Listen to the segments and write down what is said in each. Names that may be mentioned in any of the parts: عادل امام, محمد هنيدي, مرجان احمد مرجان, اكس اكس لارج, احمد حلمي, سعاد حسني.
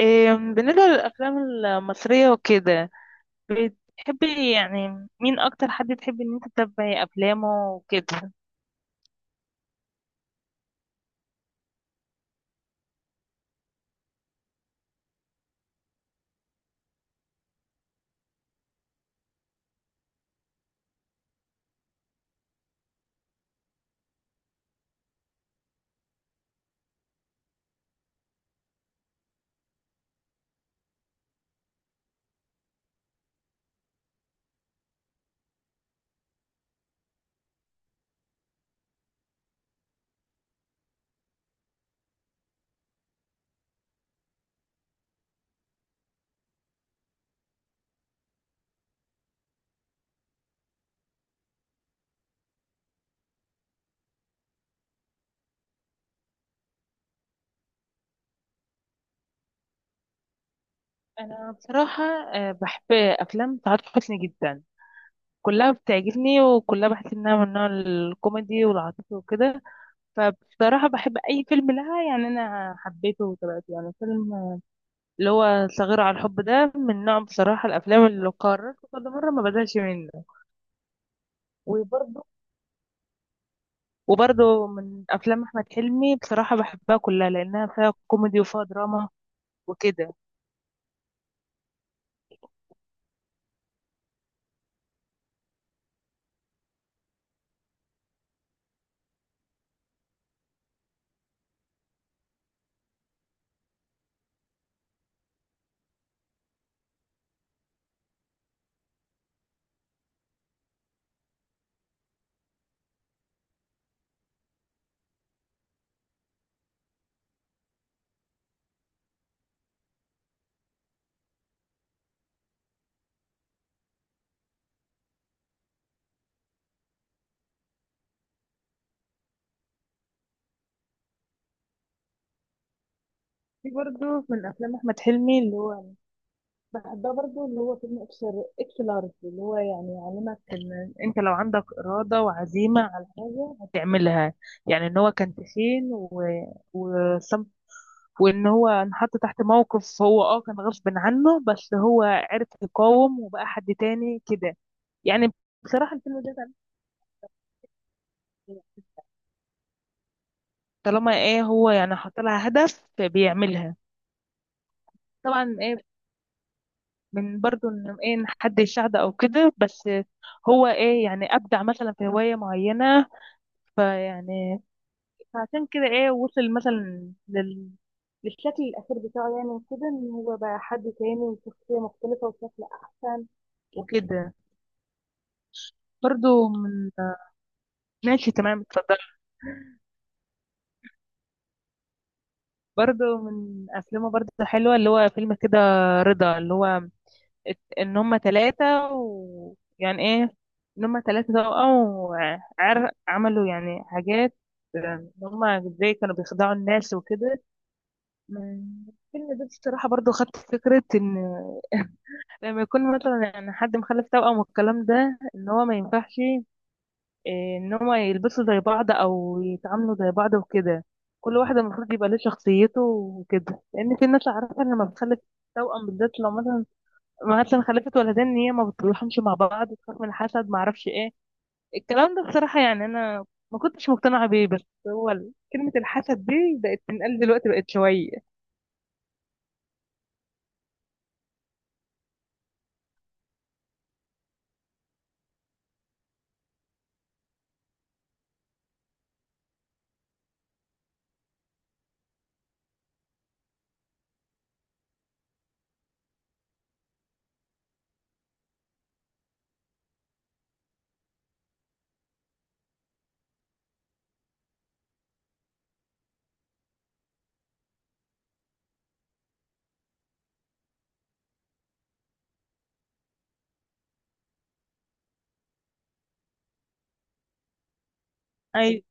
بالنسبة للأفلام المصرية وكده، بتحبي يعني مين أكتر حد تحبي إن أنت تتابعي أفلامه وكده؟ أنا بصراحة بحب أفلام سعاد حسني جدا. كلها بتعجبني وكلها بحس إنها من نوع الكوميدي والعاطفي وكده. فبصراحة بحب أي فيلم لها، يعني أنا حبيته وتابعته، يعني فيلم اللي هو صغير على الحب ده، من نوع بصراحة الأفلام اللي قررت كل مرة ما بزهقش منه. وبرضه من افلام احمد حلمي بصراحه بحبها كلها، لانها فيها كوميدي وفيها دراما وكده. في برضه من افلام احمد حلمي اللي هو بحبها برضه، اللي هو فيلم اكس لارج، اللي هو يعني يعلمك ان انت لو عندك اراده وعزيمه على حاجه هتعملها. يعني ان هو كان تخين وصم... وان هو انحط تحت موقف، هو كان غصب عنه، بس هو عرف يقاوم وبقى حد تاني كده يعني. بصراحه الفيلم ده، طالما ايه هو يعني حاط لها هدف بيعملها. طبعا ايه، من برضو ان ايه، إن حد يساعده او كده، بس هو ايه يعني ابدع مثلا في هواية معينة، فيعني فعشان كده ايه وصل مثلا للشكل الأخير بتاعه، يعني كده إن هو بقى حد تاني وشخصية مختلفة وشكل أحسن وكده. برضو من... ماشي، تمام، اتفضل. برضو من افلامه برضو حلوة، اللي هو فيلم كده رضا، اللي هو ان هم ثلاثة ويعني ايه، ان هم ثلاثة توأم وعر عملوا يعني حاجات. ان هم ازاي كانوا بيخدعوا الناس وكده. من الفيلم ده بصراحة برضو خدت فكرة ان لما يكون مثلا يعني حد مخلف توأم والكلام ده، ان هو ما ينفعش، إيه، ان هم يلبسوا زي بعض او يتعاملوا زي بعض وكده. كل واحدة المفروض يبقى ليه شخصيته وكده، لان في ناس عارفة ان لما بتخلف توأم بالذات، لو مثلا خلفت ولدين، ان هي ما بتصلحهمش مع بعض، بتخاف من الحسد، ما اعرفش ايه الكلام ده. بصراحه يعني انا ما كنتش مقتنعه بيه، بس هو كلمه الحسد دي بقت تنقال دلوقتي، بقت شويه. ايوه،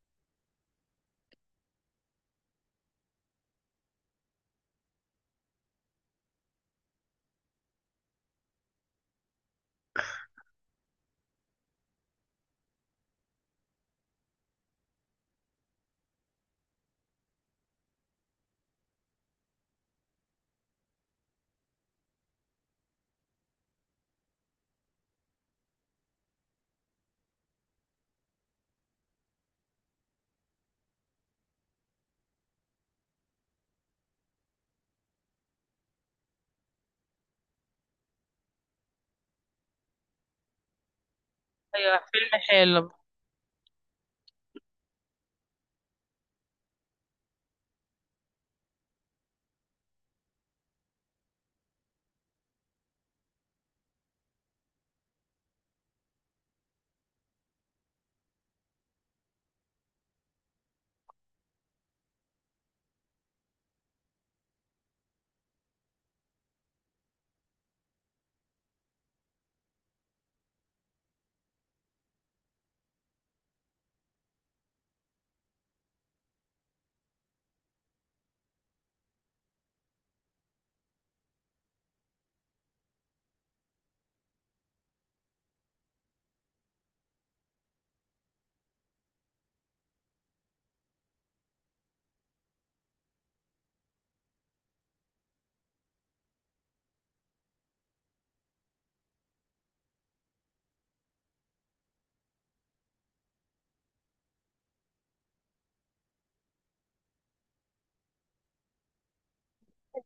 ايوه، فيلم حلو.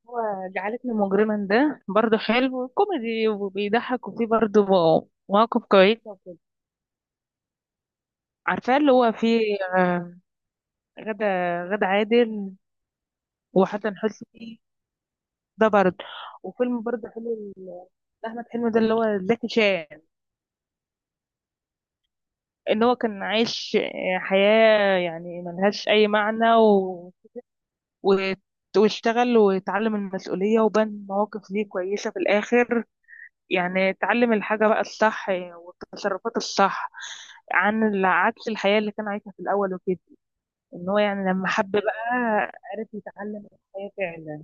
هو جعلتني مجرما ده برضه حلو، كوميدي وبيضحك وفيه برضه مواقف كويسه وكده. عارفاه اللي هو فيه غدا غدا عادل وحسن حسني، ده برضه. وفيلم برضه حلو، احمد حلمي ده اللي هو زكي شان. ان هو كان عايش حياة يعني ملهاش اي معنى، و... واشتغل واتعلم المسؤولية وبان مواقف ليه كويسة في الاخر. يعني اتعلم الحاجة بقى الصح والتصرفات الصح، عن عكس الحياة اللي كان عايشها في الاول وكده، ان هو يعني لما حب بقى، عرف يتعلم الحياة فعلا.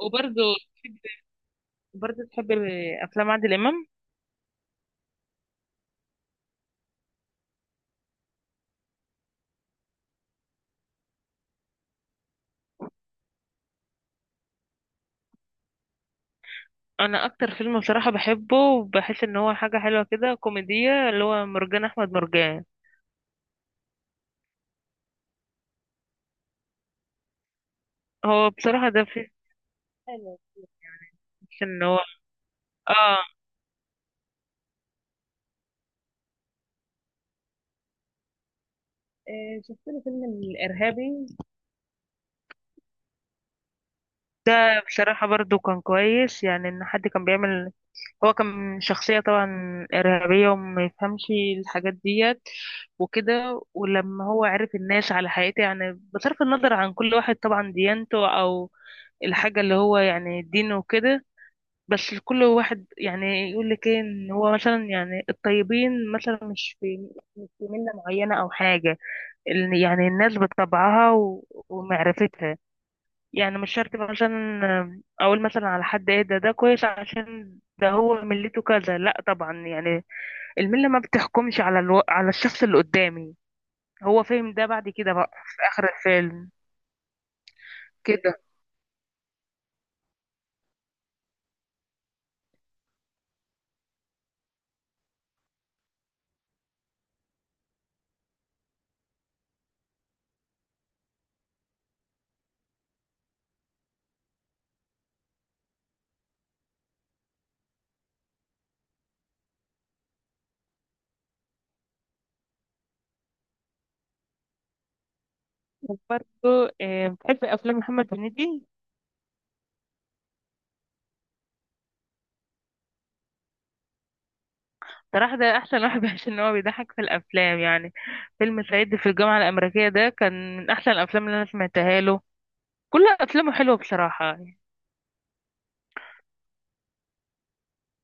وبرضه تحب برضه تحب افلام عادل امام؟ انا اكتر فيلم بصراحة بحبه وبحس ان هو حاجة حلوة كده كوميدية، اللي هو مرجان احمد مرجان. هو بصراحة ده في حلو، في ان هو اه شفت له فيلم الإرهابي. ده بصراحة برضو كان كويس، يعني ان حد كان بيعمل، هو كان شخصية طبعا إرهابية وما يفهمش الحاجات ديت وكده، ولما هو عرف الناس على حقيقته، يعني بصرف النظر عن كل واحد طبعا ديانته أو الحاجة اللي هو يعني دينه وكده. بس كل واحد يعني يقول لك ايه، ان هو مثلا يعني الطيبين مثلا مش في ملة معينة أو حاجة، يعني الناس بطبعها ومعرفتها، يعني مش شرط بقى عشان اقول مثلا على حد ايه، ده كويس عشان ده هو ملته كذا، لا طبعا يعني الملة ما بتحكمش على الشخص اللي قدامي. هو فاهم ده بعد كده بقى في اخر الفيلم كده. وبرضه بتحب افلام محمد هنيدي؟ صراحة ده أحسن واحد عشان هو بيضحك في الأفلام يعني. فيلم صعيدي في الجامعة الأمريكية ده كان من أحسن الأفلام اللي أنا سمعتها له. كل أفلامه حلوة بصراحة.